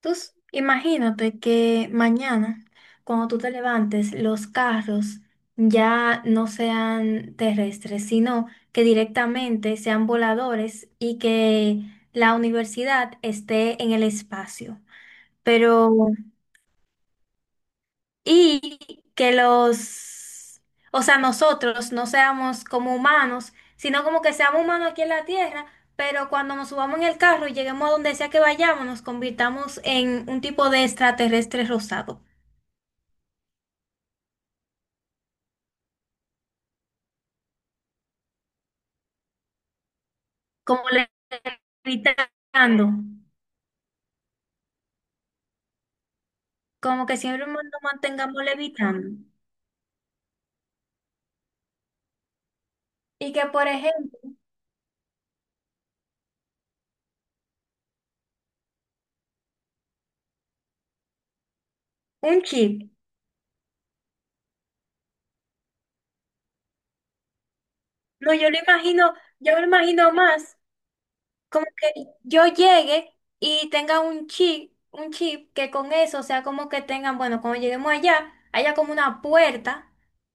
Imagínate que mañana, cuando tú te levantes, los carros ya no sean terrestres, sino que directamente sean voladores y que la universidad esté en el espacio. Pero y que los, o sea, nosotros no seamos como humanos, sino como que seamos humanos aquí en la tierra, pero cuando nos subamos en el carro y lleguemos a donde sea que vayamos, nos convirtamos en un tipo de extraterrestre rosado, como le- levitando, como que siempre nos mantengamos levitando. Y que, por ejemplo, un chip, no, yo lo imagino más. Como que yo llegue y tenga un chip que con eso, o sea, como que tengan, bueno, cuando lleguemos allá, haya como una puerta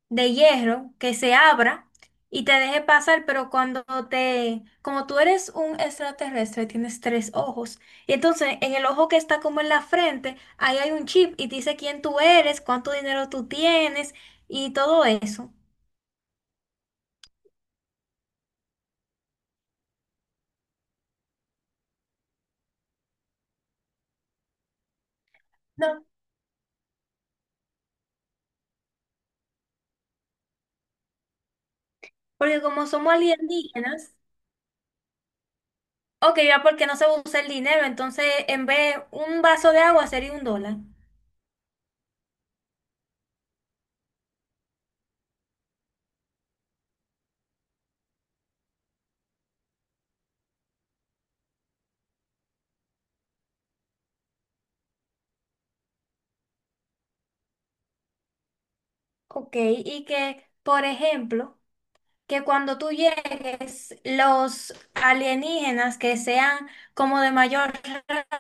de hierro que se abra y te deje pasar, pero como tú eres un extraterrestre, tienes tres ojos, y entonces en el ojo que está como en la frente, ahí hay un chip y te dice quién tú eres, cuánto dinero tú tienes y todo eso. No, porque como somos alienígenas, ok, ya porque no se usa el dinero, entonces en vez un vaso de agua sería un dólar. Ok, y que, por ejemplo, que cuando tú llegues, los alienígenas que sean como de mayor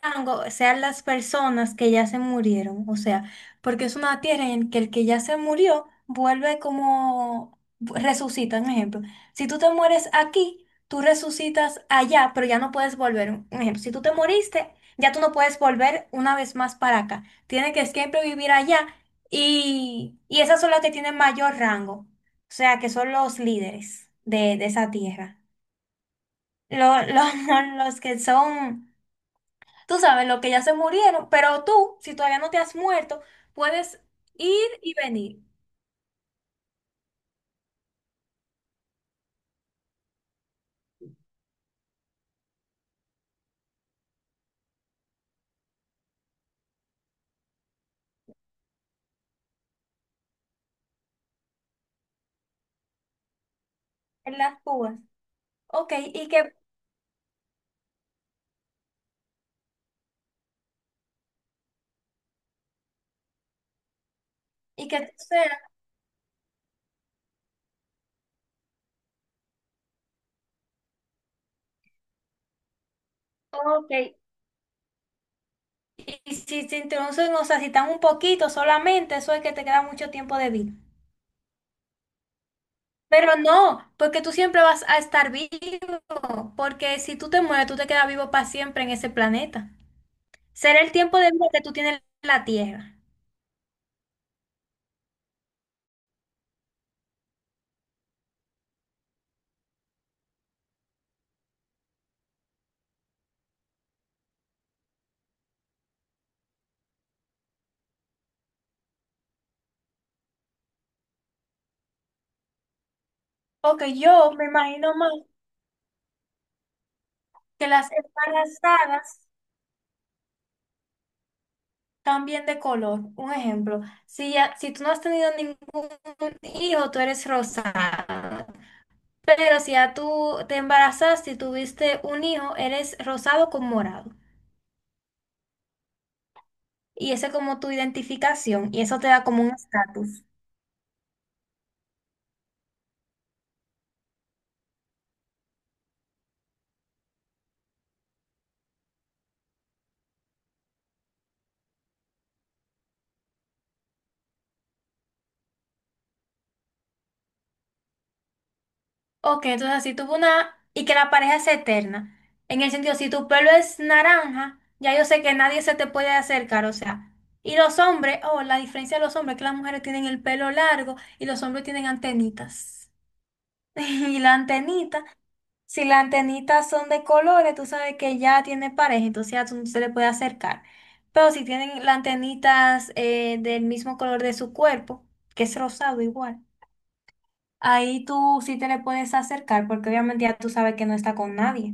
rango sean las personas que ya se murieron. O sea, porque es una tierra en que el que ya se murió vuelve como resucita, un ejemplo. Si tú te mueres aquí, tú resucitas allá, pero ya no puedes volver. Un ejemplo, si tú te moriste, ya tú no puedes volver una vez más para acá. Tienes que siempre vivir allá y esas son las que tienen mayor rango, o sea, que son los líderes de esa tierra. Los que son, tú sabes, los que ya se murieron, pero tú, si todavía no te has muerto, puedes ir y venir en las púas. Ok, y que tú seas, ok. Y si se introducen, o sea, si están un poquito solamente, eso es que te queda mucho tiempo de vida. Pero no, porque tú siempre vas a estar vivo, porque si tú te mueres, tú te quedas vivo para siempre en ese planeta. Será el tiempo de vida que tú tienes en la Tierra. Porque yo me imagino más que las embarazadas cambien de color. Un ejemplo, si, ya, si tú no has tenido ningún hijo, tú eres rosada. Pero si ya tú te embarazaste y tuviste un hijo, eres rosado con morado. Y esa es como tu identificación y eso te da como un estatus. Ok, entonces así tuvo una... Y que la pareja es eterna. En el sentido, si tu pelo es naranja, ya yo sé que nadie se te puede acercar, o sea. Y los hombres, oh, la diferencia de los hombres es que las mujeres tienen el pelo largo y los hombres tienen antenitas. Y la antenita, si las antenitas son de colores, tú sabes que ya tiene pareja, entonces ya tú no se le puede acercar. Pero si tienen las antenitas del mismo color de su cuerpo, que es rosado igual. Ahí tú sí te le puedes acercar porque obviamente ya tú sabes que no está con nadie.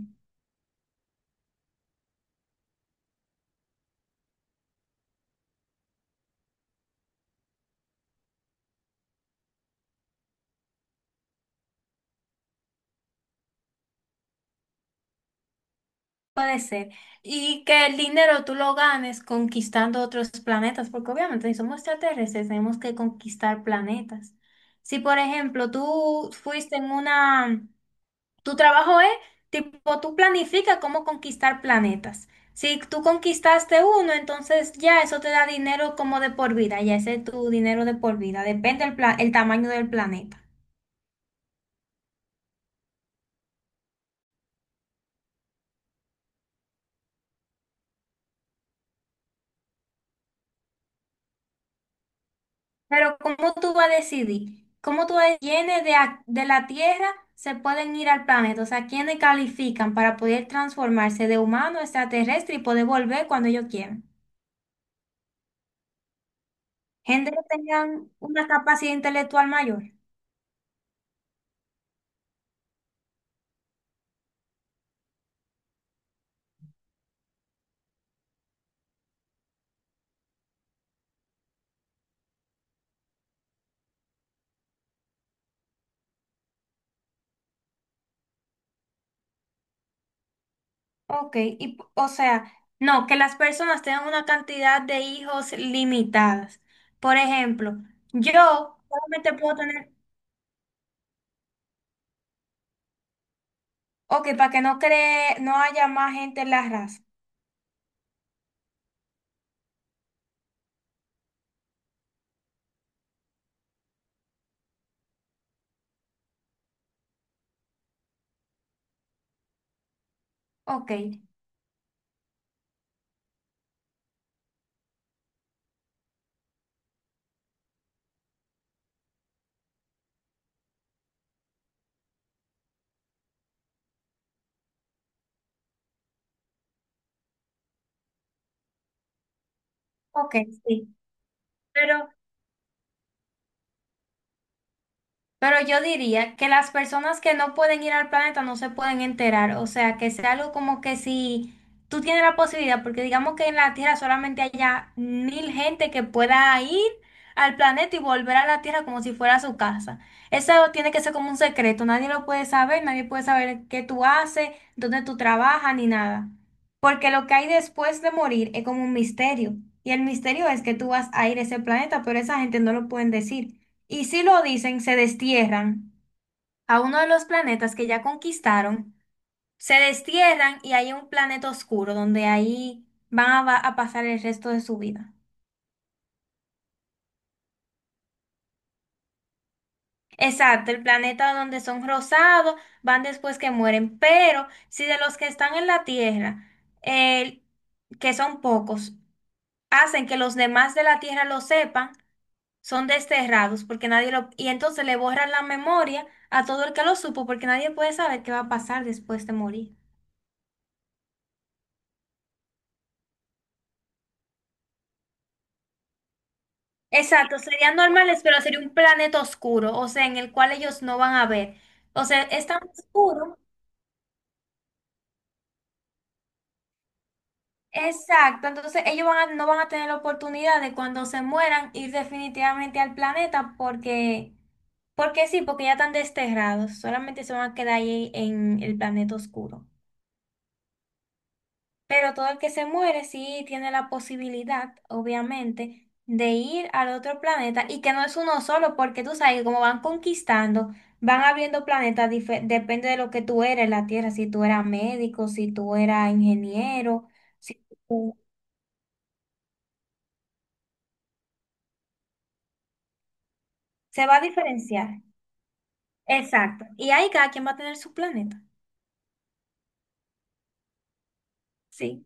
Puede ser. Y que el dinero tú lo ganes conquistando otros planetas, porque obviamente si somos extraterrestres tenemos que conquistar planetas. Si por ejemplo tú fuiste en una, tu trabajo es tipo, tú planificas cómo conquistar planetas. Si tú conquistaste uno, entonces ya eso te da dinero como de por vida, ya ese es tu dinero de por vida, depende el tamaño del planeta. Pero ¿cómo tú vas a decidir? ¿Cómo tú decidir quiénes de la Tierra se pueden ir al planeta? O sea, ¿quiénes califican para poder transformarse de humano a extraterrestre y poder volver cuando ellos quieran? Gente que tengan una capacidad intelectual mayor. Ok, y, o sea, no, que las personas tengan una cantidad de hijos limitadas. Por ejemplo, yo solamente puedo tener, ok, para que no cree, no haya más gente en la raza. Ok, ok, sí. pero Pero yo diría que las personas que no pueden ir al planeta no se pueden enterar. O sea, que sea algo como que si tú tienes la posibilidad, porque digamos que en la Tierra solamente haya 1000 gente que pueda ir al planeta y volver a la Tierra como si fuera su casa. Eso tiene que ser como un secreto. Nadie lo puede saber, nadie puede saber qué tú haces, dónde tú trabajas, ni nada. Porque lo que hay después de morir es como un misterio. Y el misterio es que tú vas a ir a ese planeta, pero esa gente no lo pueden decir. Y si lo dicen, se destierran a uno de los planetas que ya conquistaron, se destierran y hay un planeta oscuro donde ahí van a pasar el resto de su vida. Exacto, el planeta donde son rosados, van después que mueren, pero si de los que están en la Tierra, el- que son pocos, hacen que los demás de la Tierra lo sepan, son desterrados porque nadie lo... Y entonces le borran la memoria a todo el que lo supo porque nadie puede saber qué va a pasar después de morir. Exacto, serían normales, pero sería un planeta oscuro, o sea, en el cual ellos no van a ver. O sea, es tan oscuro. Exacto, entonces ellos no van a tener la oportunidad de cuando se mueran ir definitivamente al planeta porque, porque sí, porque ya están desterrados, solamente se van a quedar ahí en el planeta oscuro. Pero todo el que se muere sí tiene la posibilidad, obviamente, de ir al otro planeta y que no es uno solo, porque tú sabes que como van conquistando, van abriendo planetas, depende de lo que tú eres en la Tierra, si tú eras médico, si tú eras ingeniero, si tú- se va a diferenciar. Exacto. Y ahí cada quien va a tener su planeta. Sí.